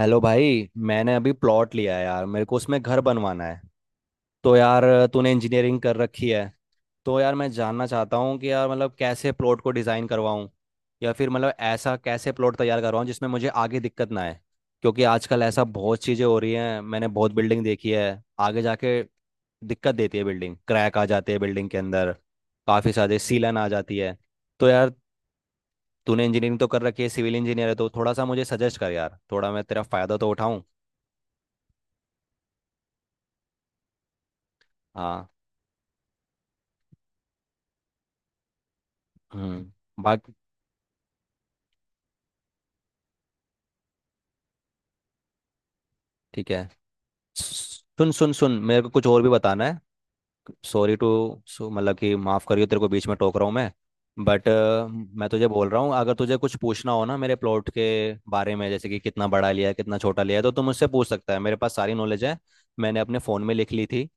Hello भाई, मैंने अभी प्लॉट लिया है यार। मेरे को उसमें घर बनवाना है तो यार तूने इंजीनियरिंग कर रखी है। तो यार मैं जानना चाहता हूँ कि यार मतलब कैसे प्लॉट को डिज़ाइन करवाऊँ या फिर मतलब ऐसा कैसे प्लॉट तैयार करवाऊँ जिसमें मुझे आगे दिक्कत ना आए। क्योंकि आजकल ऐसा बहुत चीज़ें हो रही हैं, मैंने बहुत बिल्डिंग देखी है आगे जाके दिक्कत देती है, बिल्डिंग क्रैक आ जाते हैं बिल्डिंग के अंदर, काफ़ी सारे सीलन आ जाती है। तो यार तूने इंजीनियरिंग तो कर रखी है, सिविल इंजीनियर है, तो थोड़ा सा मुझे सजेस्ट कर यार, थोड़ा मैं तेरा फ़ायदा तो उठाऊँ। हाँ। हम्म। बाकी ठीक है। सुन सुन सुन, मेरे को कुछ और भी बताना है। Sorry to. सो मतलब कि माफ़ करियो, तेरे को बीच में टोक रहा हूँ मैं, बट मैं तुझे बोल रहा हूँ अगर तुझे कुछ पूछना हो ना मेरे प्लॉट के बारे में, जैसे कि कितना बड़ा लिया है, कितना छोटा लिया है, तो तू मुझसे पूछ सकता है, मेरे पास सारी नॉलेज है। मैंने अपने फ़ोन में लिख ली थी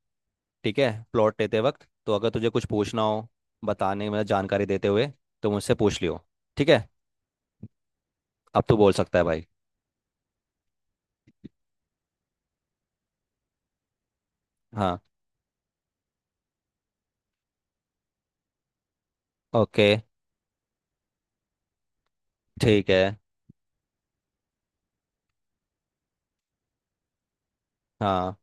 ठीक है, प्लॉट लेते वक्त। तो अगर तुझे कुछ पूछना हो बताने, मतलब जानकारी देते हुए, तो मुझसे पूछ लियो ठीक है। अब तू बोल सकता है भाई। हाँ। ओके। ठीक है। हाँ,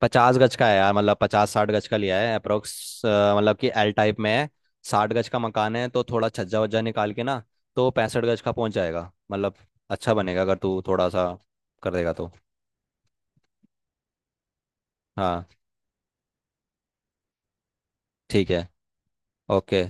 50 गज का है यार। मतलब 50-60 गज का लिया है अप्रोक्स, मतलब कि एल टाइप में है। साठ गज का मकान है, तो थोड़ा छज्जा वज्जा निकाल के ना, तो 65 गज का पहुंच जाएगा मतलब। अच्छा बनेगा अगर तू थोड़ा सा कर देगा तो। हाँ। ठीक है। ओके।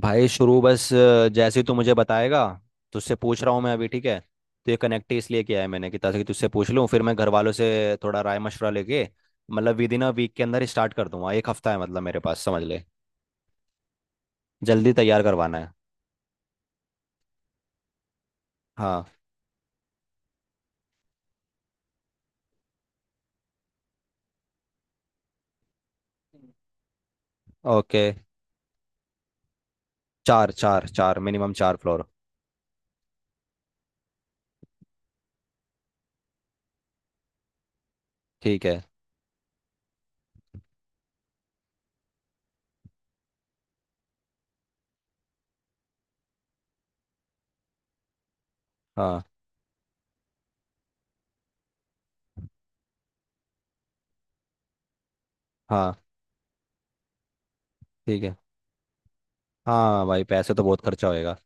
भाई शुरू बस जैसे ही तू मुझे बताएगा, तुझसे पूछ रहा हूँ मैं अभी ठीक है। तो ये कनेक्ट ही इसलिए किया है मैंने कि ताकि तुझसे पूछ लूँ, फिर मैं घर वालों से थोड़ा राय मशवरा लेके। मतलब विद इन अ वीक के अंदर स्टार्ट कर दूंगा, एक हफ्ता है मतलब मेरे पास समझ ले, जल्दी तैयार करवाना है। हाँ। ओके। चार चार चार मिनिमम, चार फ्लोर। ठीक है। हाँ। हाँ। ठीक है। हाँ भाई, पैसे तो बहुत खर्चा होएगा।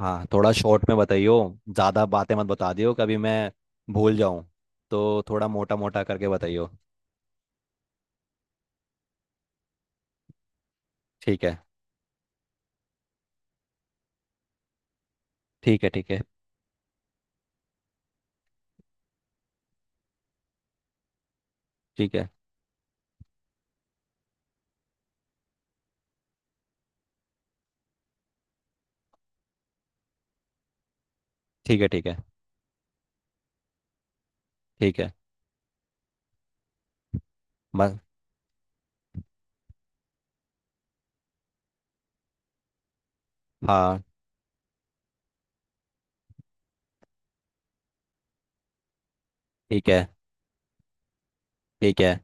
हाँ, थोड़ा शॉर्ट में बताइयो, ज़्यादा बातें मत बता दियो, कभी मैं भूल जाऊँ, तो थोड़ा मोटा मोटा करके बताइयो। ठीक है। ठीक है। ठीक है। ठीक है। ठीक है। ठीक है। ठीक है। बस। हाँ। ठीक है। ठीक है।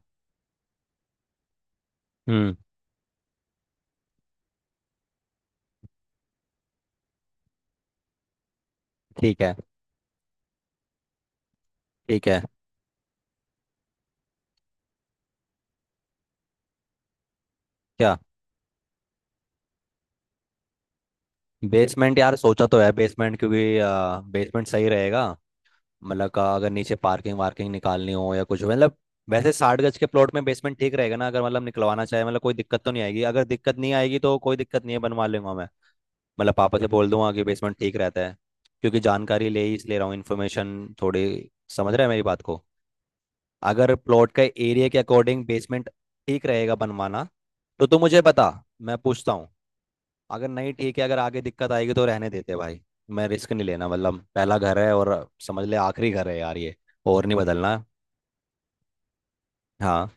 हम्म। ठीक है। ठीक है। क्या? बेसमेंट यार सोचा तो है, बेसमेंट क्योंकि बेसमेंट सही रहेगा, मतलब का अगर नीचे पार्किंग वार्किंग निकालनी हो या कुछ हो मतलब। वैसे 60 गज के प्लॉट में बेसमेंट ठीक रहेगा ना? अगर मतलब निकलवाना चाहे, मतलब कोई दिक्कत तो नहीं आएगी? अगर दिक्कत नहीं आएगी तो कोई दिक्कत नहीं है, बनवा लूंगा मैं, मतलब पापा से बोल दूंगा कि बेसमेंट ठीक रहता है। क्योंकि जानकारी ले ही इसलिए रहा हूँ, इन्फॉर्मेशन थोड़ी। समझ रहे हैं मेरी बात को? अगर प्लॉट का एरिया के अकॉर्डिंग बेसमेंट ठीक रहेगा बनवाना तो तू मुझे बता, मैं पूछता हूँ। अगर नहीं ठीक है, अगर आगे दिक्कत आएगी तो रहने देते भाई, मैं रिस्क नहीं लेना। मतलब पहला घर है, और समझ ले आखिरी घर है यार ये, और नहीं बदलना। हाँ।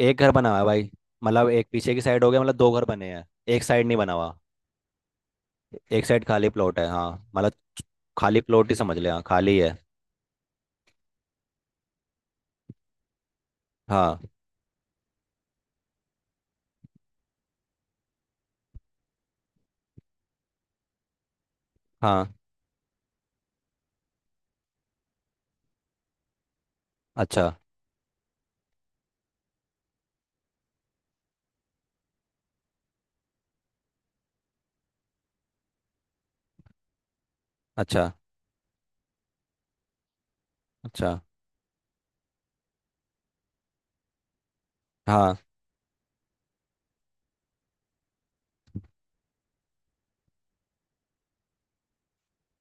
एक घर बना हुआ है भाई, मतलब एक पीछे की साइड हो गया, मतलब दो घर बने हैं, एक साइड नहीं बना हुआ, एक साइड खाली प्लॉट है, हाँ, मतलब खाली प्लॉट ही समझ ले, हाँ खाली है। हाँ। हाँ। अच्छा। अच्छा। अच्छा। हाँ।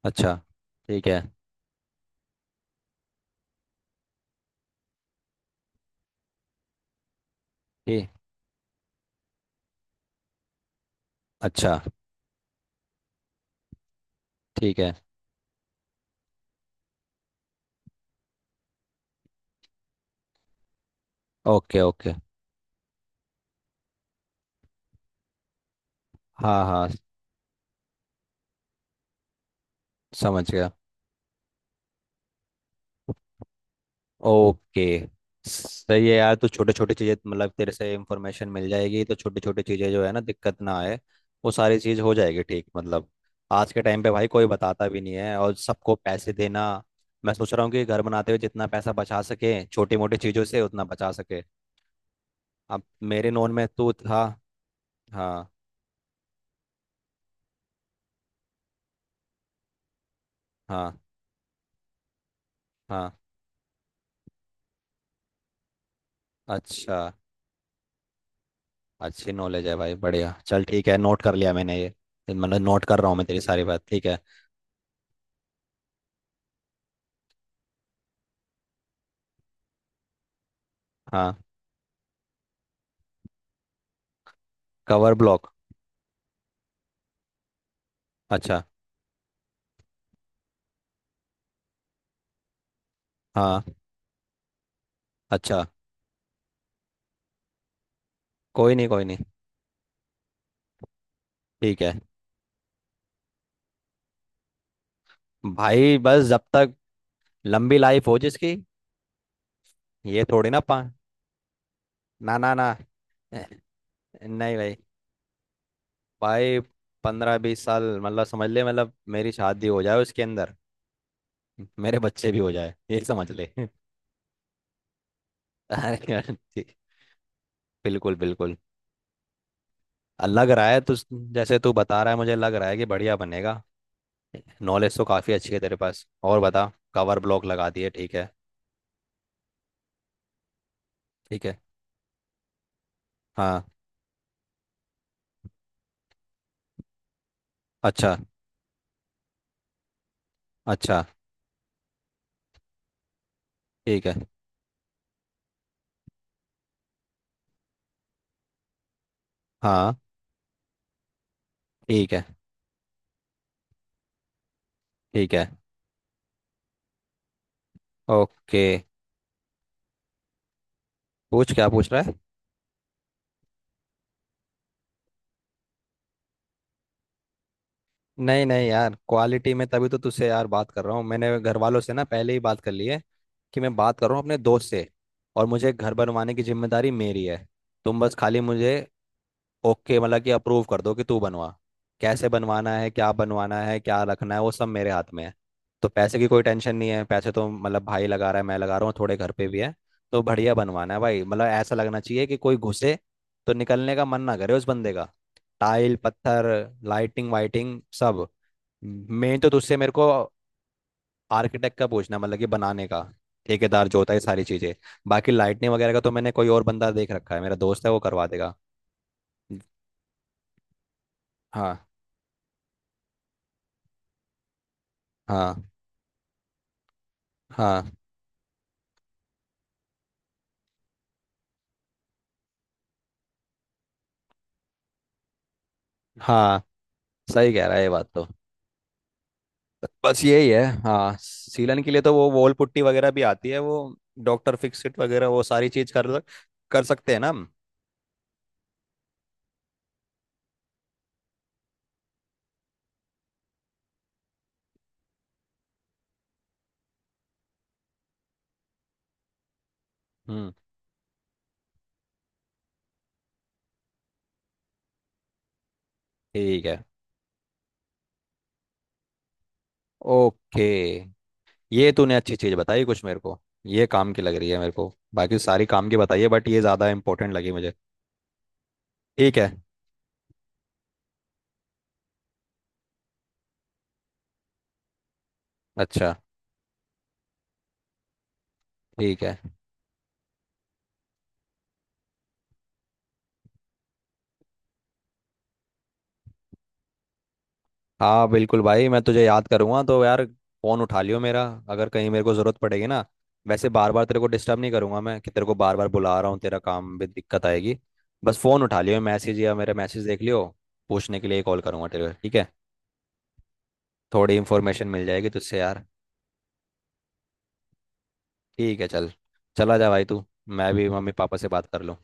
अच्छा। ठीक है। ठीक। अच्छा। ठीक है। ओके। ओके। हाँ। हाँ। समझ गया। ओके। सही है यार, तो छोटे छोटे चीजें, मतलब तेरे से इंफॉर्मेशन मिल जाएगी तो छोटी छोटी चीजें जो है ना, दिक्कत ना आए, वो सारी चीज हो जाएगी ठीक मतलब। आज के टाइम पे भाई कोई बताता भी नहीं है और सबको पैसे देना। मैं सोच रहा हूँ कि घर बनाते हुए जितना पैसा बचा सके छोटी मोटी चीजों से उतना बचा सके। अब मेरे नोन में तू था। हाँ। हाँ। हाँ। अच्छा, अच्छी नॉलेज है भाई, बढ़िया चल ठीक है, नोट कर लिया मैंने ये, मतलब नोट कर रहा हूँ मैं तेरी सारी बात ठीक है। हाँ। Cover block? अच्छा। हाँ। अच्छा। कोई नहीं कोई नहीं। ठीक है भाई, बस जब तक लंबी लाइफ हो जिसकी। ये थोड़ी ना पा। ना ना ना ए, नहीं भाई भाई 15-20 साल मतलब समझ ले, मतलब मेरी शादी हो जाए उसके अंदर, मेरे बच्चे भी हो जाए ये समझ ले। अरे यार, ठीक, बिल्कुल बिल्कुल। लग रहा है तू, जैसे तू बता रहा है मुझे लग रहा है कि बढ़िया बनेगा। नॉलेज तो काफ़ी अच्छी है तेरे पास। और बता, कवर ब्लॉक लगा दिए ठीक है। ठीक है। हाँ। अच्छा। अच्छा। ठीक है। हाँ। ठीक है। ठीक है। ओके। पूछ, क्या पूछ रहा है? नहीं नहीं यार, क्वालिटी में तभी तो तुझसे यार बात कर रहा हूँ। मैंने घर वालों से ना पहले ही बात कर ली है कि मैं बात कर रहा हूँ अपने दोस्त से, और मुझे घर बनवाने की जिम्मेदारी मेरी है, तुम बस खाली मुझे ओके मतलब कि अप्रूव कर दो कि तू बनवा। कैसे बनवाना है, क्या बनवाना है, क्या रखना है, वो सब मेरे हाथ में है। तो पैसे की कोई टेंशन नहीं है, पैसे तो मतलब भाई लगा रहा है, मैं लगा रहा हूँ, थोड़े घर पे भी है। तो बढ़िया बनवाना है भाई, मतलब ऐसा लगना चाहिए कि कोई घुसे तो निकलने का मन ना करे उस बंदे का। टाइल, पत्थर, लाइटिंग वाइटिंग सब। मेन तो तुझसे मेरे को आर्किटेक्ट का पूछना है, मतलब कि बनाने का, ठेकेदार जो होता है, ये सारी चीजें। बाकी लाइटनिंग वगैरह का तो मैंने कोई और बंदा देख रखा है, मेरा दोस्त है वो करवा देगा। हाँ। हाँ। हाँ। हाँ, सही कह रहा है ये बात तो। बस यही है, हाँ, सीलन के लिए तो वो वॉल पुट्टी वगैरह भी आती है, वो डॉक्टर फिक्सिट वगैरह वो सारी चीज कर कर सकते हैं ना हम? हम्म। ठीक है। ओके। ये तूने अच्छी चीज बताई कुछ मेरे को, ये काम की लग रही है मेरे को। बाकी सारी काम की बताइए बट ये ज्यादा इंपॉर्टेंट लगी मुझे। ठीक है। अच्छा। ठीक है। हाँ बिल्कुल भाई, मैं तुझे याद करूंगा तो यार फोन उठा लियो मेरा, अगर कहीं मेरे को जरूरत पड़ेगी ना। वैसे बार बार तेरे को डिस्टर्ब नहीं करूंगा मैं कि तेरे को बार बार बुला रहा हूँ, तेरा काम भी दिक्कत आएगी। बस फोन उठा लियो, मैसेज या मेरा मैसेज देख लियो, पूछने के लिए कॉल करूंगा तेरे को ठीक है। थोड़ी इन्फॉर्मेशन मिल जाएगी तुझसे यार। ठीक है चल, चला जा भाई तू, मैं भी मम्मी पापा से बात कर लूँ।